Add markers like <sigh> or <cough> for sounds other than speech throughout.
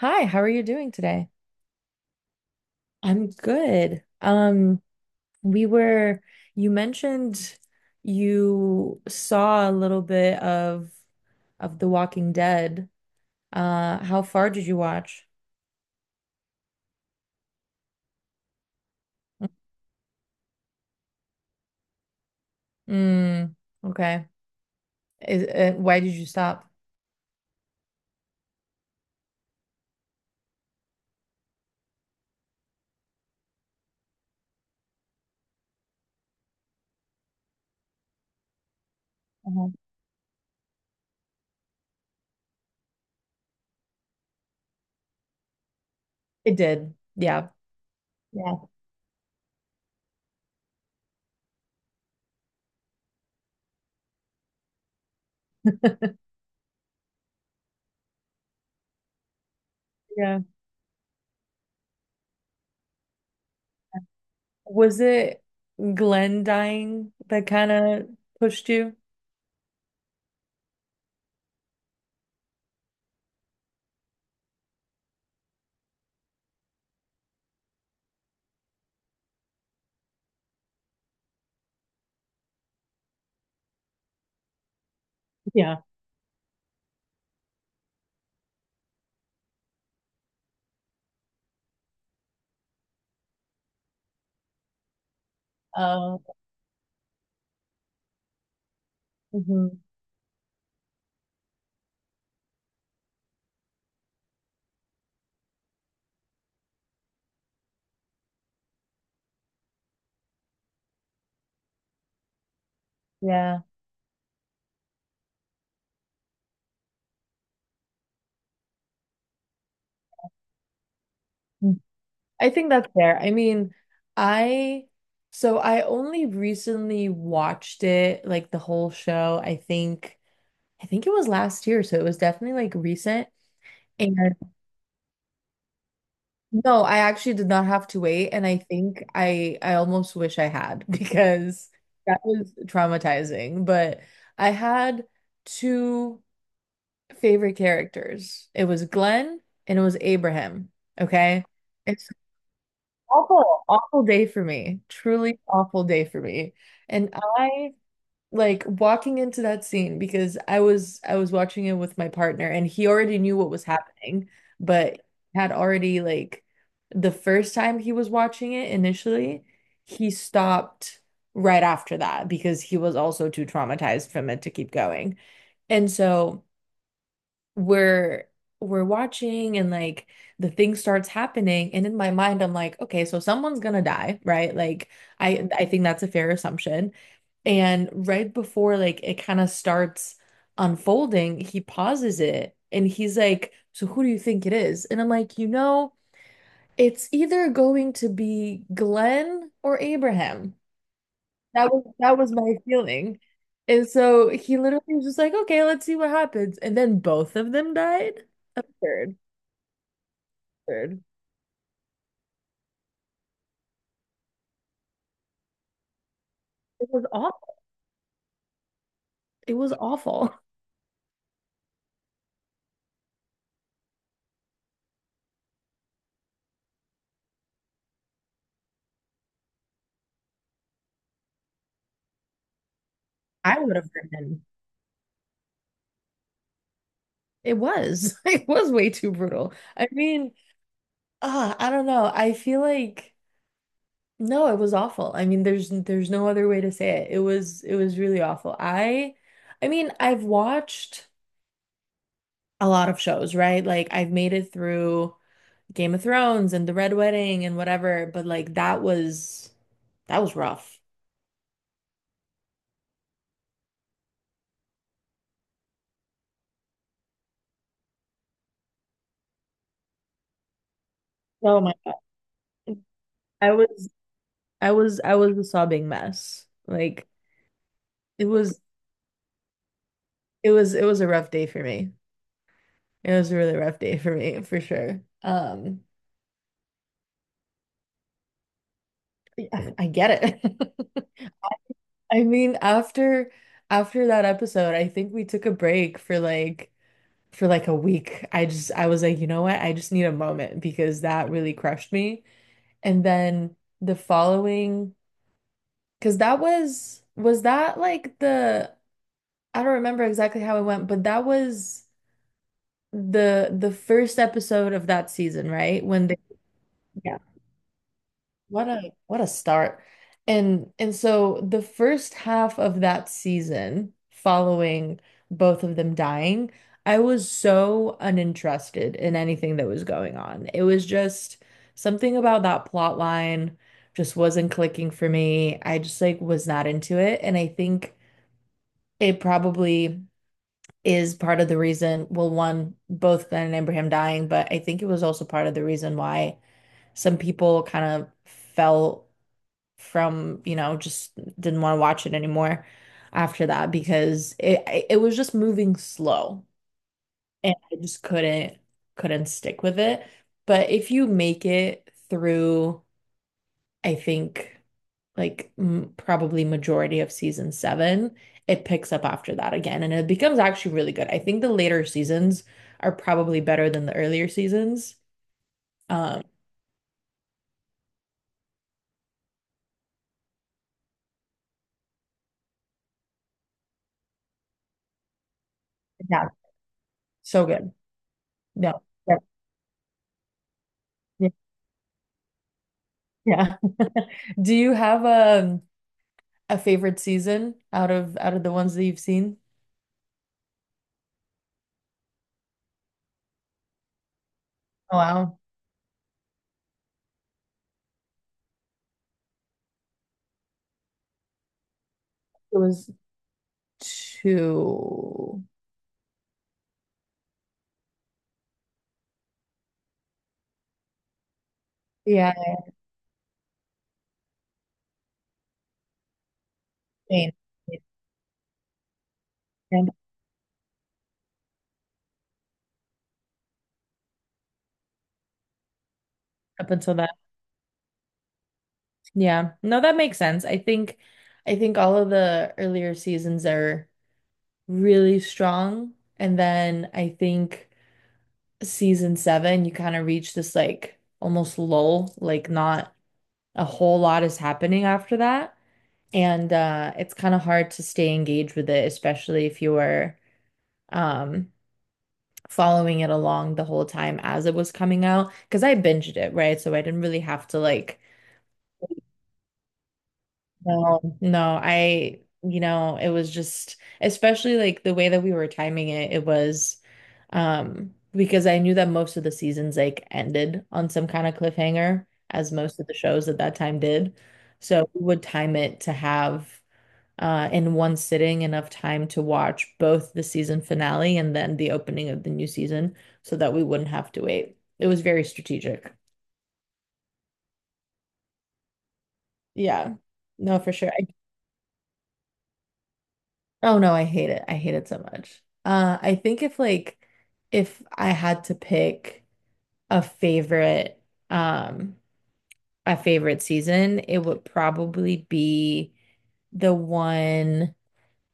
Hi, how are you doing today? I'm good. We were, you mentioned you saw a little bit of The Walking Dead. How far did you watch? Mm, mm, okay. Is, why did you stop? Uh-huh. It did. Yeah. Yeah. <laughs> Yeah. Was it Glenn dying that kind of pushed you? Yeah. Uh. Mhm. Yeah. I think that's fair. I mean, I so I only recently watched it, like the whole show. I think it was last year, so it was definitely like recent. And no, I actually did not have to wait, and I think I almost wish I had <laughs> because that was traumatizing. But I had two favorite characters. It was Glenn and it was Abraham. Okay. Awful, awful day for me. Truly awful day for me. And I like walking into that scene because I was watching it with my partner and he already knew what was happening, but had already like the first time he was watching it initially, he stopped right after that because he was also too traumatized from it to keep going. And so we're we're watching and like the thing starts happening and in my mind I'm like, okay, so someone's gonna die, right? Like I think that's a fair assumption and right before like it kind of starts unfolding he pauses it and he's like, so who do you think it is? And I'm like, you know, it's either going to be Glenn or Abraham. That was my feeling. And so he literally was just like, okay, let's see what happens. And then both of them died. A third, third. It was awful. It was awful. I would have written. It was. <laughs> It was way too brutal. I mean, I don't know. I feel like no, it was awful. I mean, there's no other way to say it. It was really awful. I mean, I've watched a lot of shows, right? Like I've made it through Game of Thrones and the Red Wedding and whatever, but like that was rough. Oh my God. I was I was a sobbing mess. Like it was it was it was a rough day for me. It was a really rough day for me for sure. Yeah, I get it. <laughs> I mean after that episode, I think we took a break for like a week. I just I was like, you know what? I just need a moment because that really crushed me. And then the following Because that was that like I don't remember exactly how it went, but that was the first episode of that season, right? Yeah. What a what a start. And so the first half of that season following both of them dying, I was so uninterested in anything that was going on. It was just something about that plot line just wasn't clicking for me. I just like was not into it. And I think it probably is part of the reason, well, one, both Glenn and Abraham dying, but I think it was also part of the reason why some people kind of fell from, you know, just didn't want to watch it anymore after that because it was just moving slow and I just couldn't stick with it. But if you make it through, I think like m probably majority of season seven. It picks up after that again, and it becomes actually really good. I think the later seasons are probably better than the earlier seasons. Um, yeah, so good. No, yeah, yeah. Yeah. <laughs> Do you have a favorite season out of the ones that you've seen? Oh, wow, it was two. Yeah, I mean, up until that. Yeah, no, that makes sense. I think all of the earlier seasons are really strong. And then I think season seven, you kind of reach this like almost lull, like not a whole lot is happening after that. And it's kind of hard to stay engaged with it, especially if you were um, following it along the whole time as it was coming out. Because I binged it, right? So I didn't really have to like no, no, I, you know, it was just, especially like the way that we were timing it, it was, because I knew that most of the seasons like ended on some kind of cliffhanger, as most of the shows at that time did. So we would time it to have, in one sitting enough time to watch both the season finale and then the opening of the new season so that we wouldn't have to wait. It was very strategic. Yeah. No, for sure. Oh no, I hate it. I hate it so much. I think if like if I had to pick a favorite um a favorite season, it would probably be the one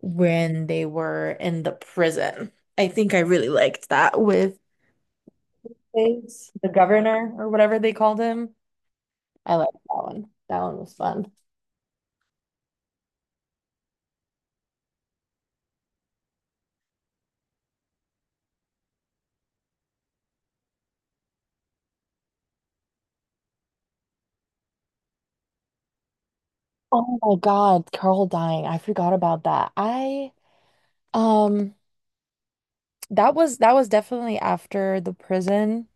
when they were in the prison. I think I really liked that with Biggs, the governor or whatever they called him. I liked that one. That one was fun. Oh my God, Carl dying. I forgot about that. I um that was definitely after the prison.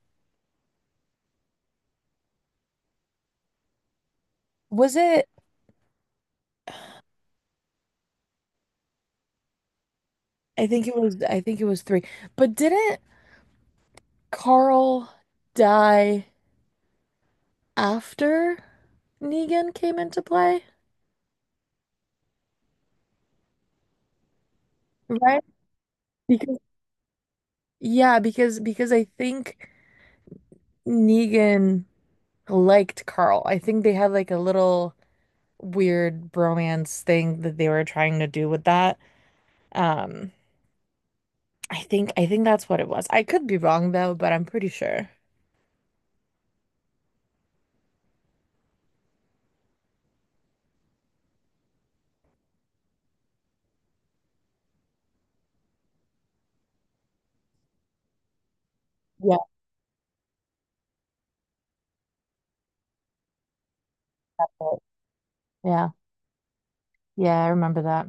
Was it? I think it was three. But didn't Carl die after Negan came into play? Right? Because yeah, because I think Negan liked Carl. I think they had like a little weird bromance thing that they were trying to do with that. Um, I think that's what it was. I could be wrong though, but I'm pretty sure. Yeah. Yeah. Yeah, I remember that.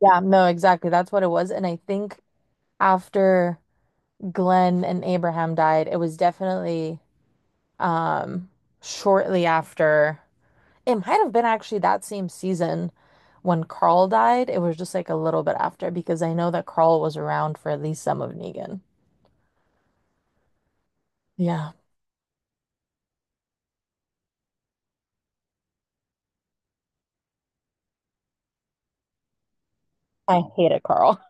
Yeah, no, exactly. That's what it was. And I think after Glenn and Abraham died, it was definitely um shortly after. It might have been actually that same season when Carl died. It was just like a little bit after because I know that Carl was around for at least some of Negan. Yeah. I hated Carl.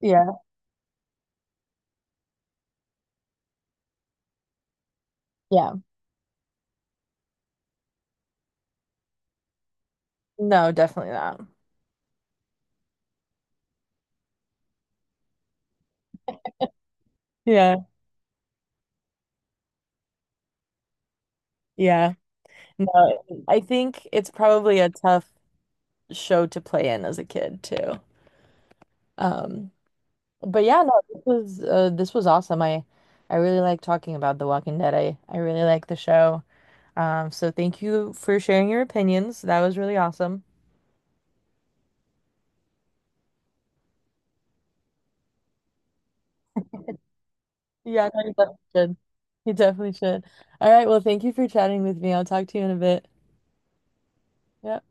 Yeah. Yeah. No, definitely not. Yeah. Yeah. No, I think it's probably a tough show to play in as a kid too. Um But yeah, no, this was awesome. I really like talking about The Walking Dead. I really like the show. So thank you for sharing your opinions. That was really awesome. Yeah, no, you definitely should. You definitely should. All right, well, thank you for chatting with me. I'll talk to you in a bit. Yep.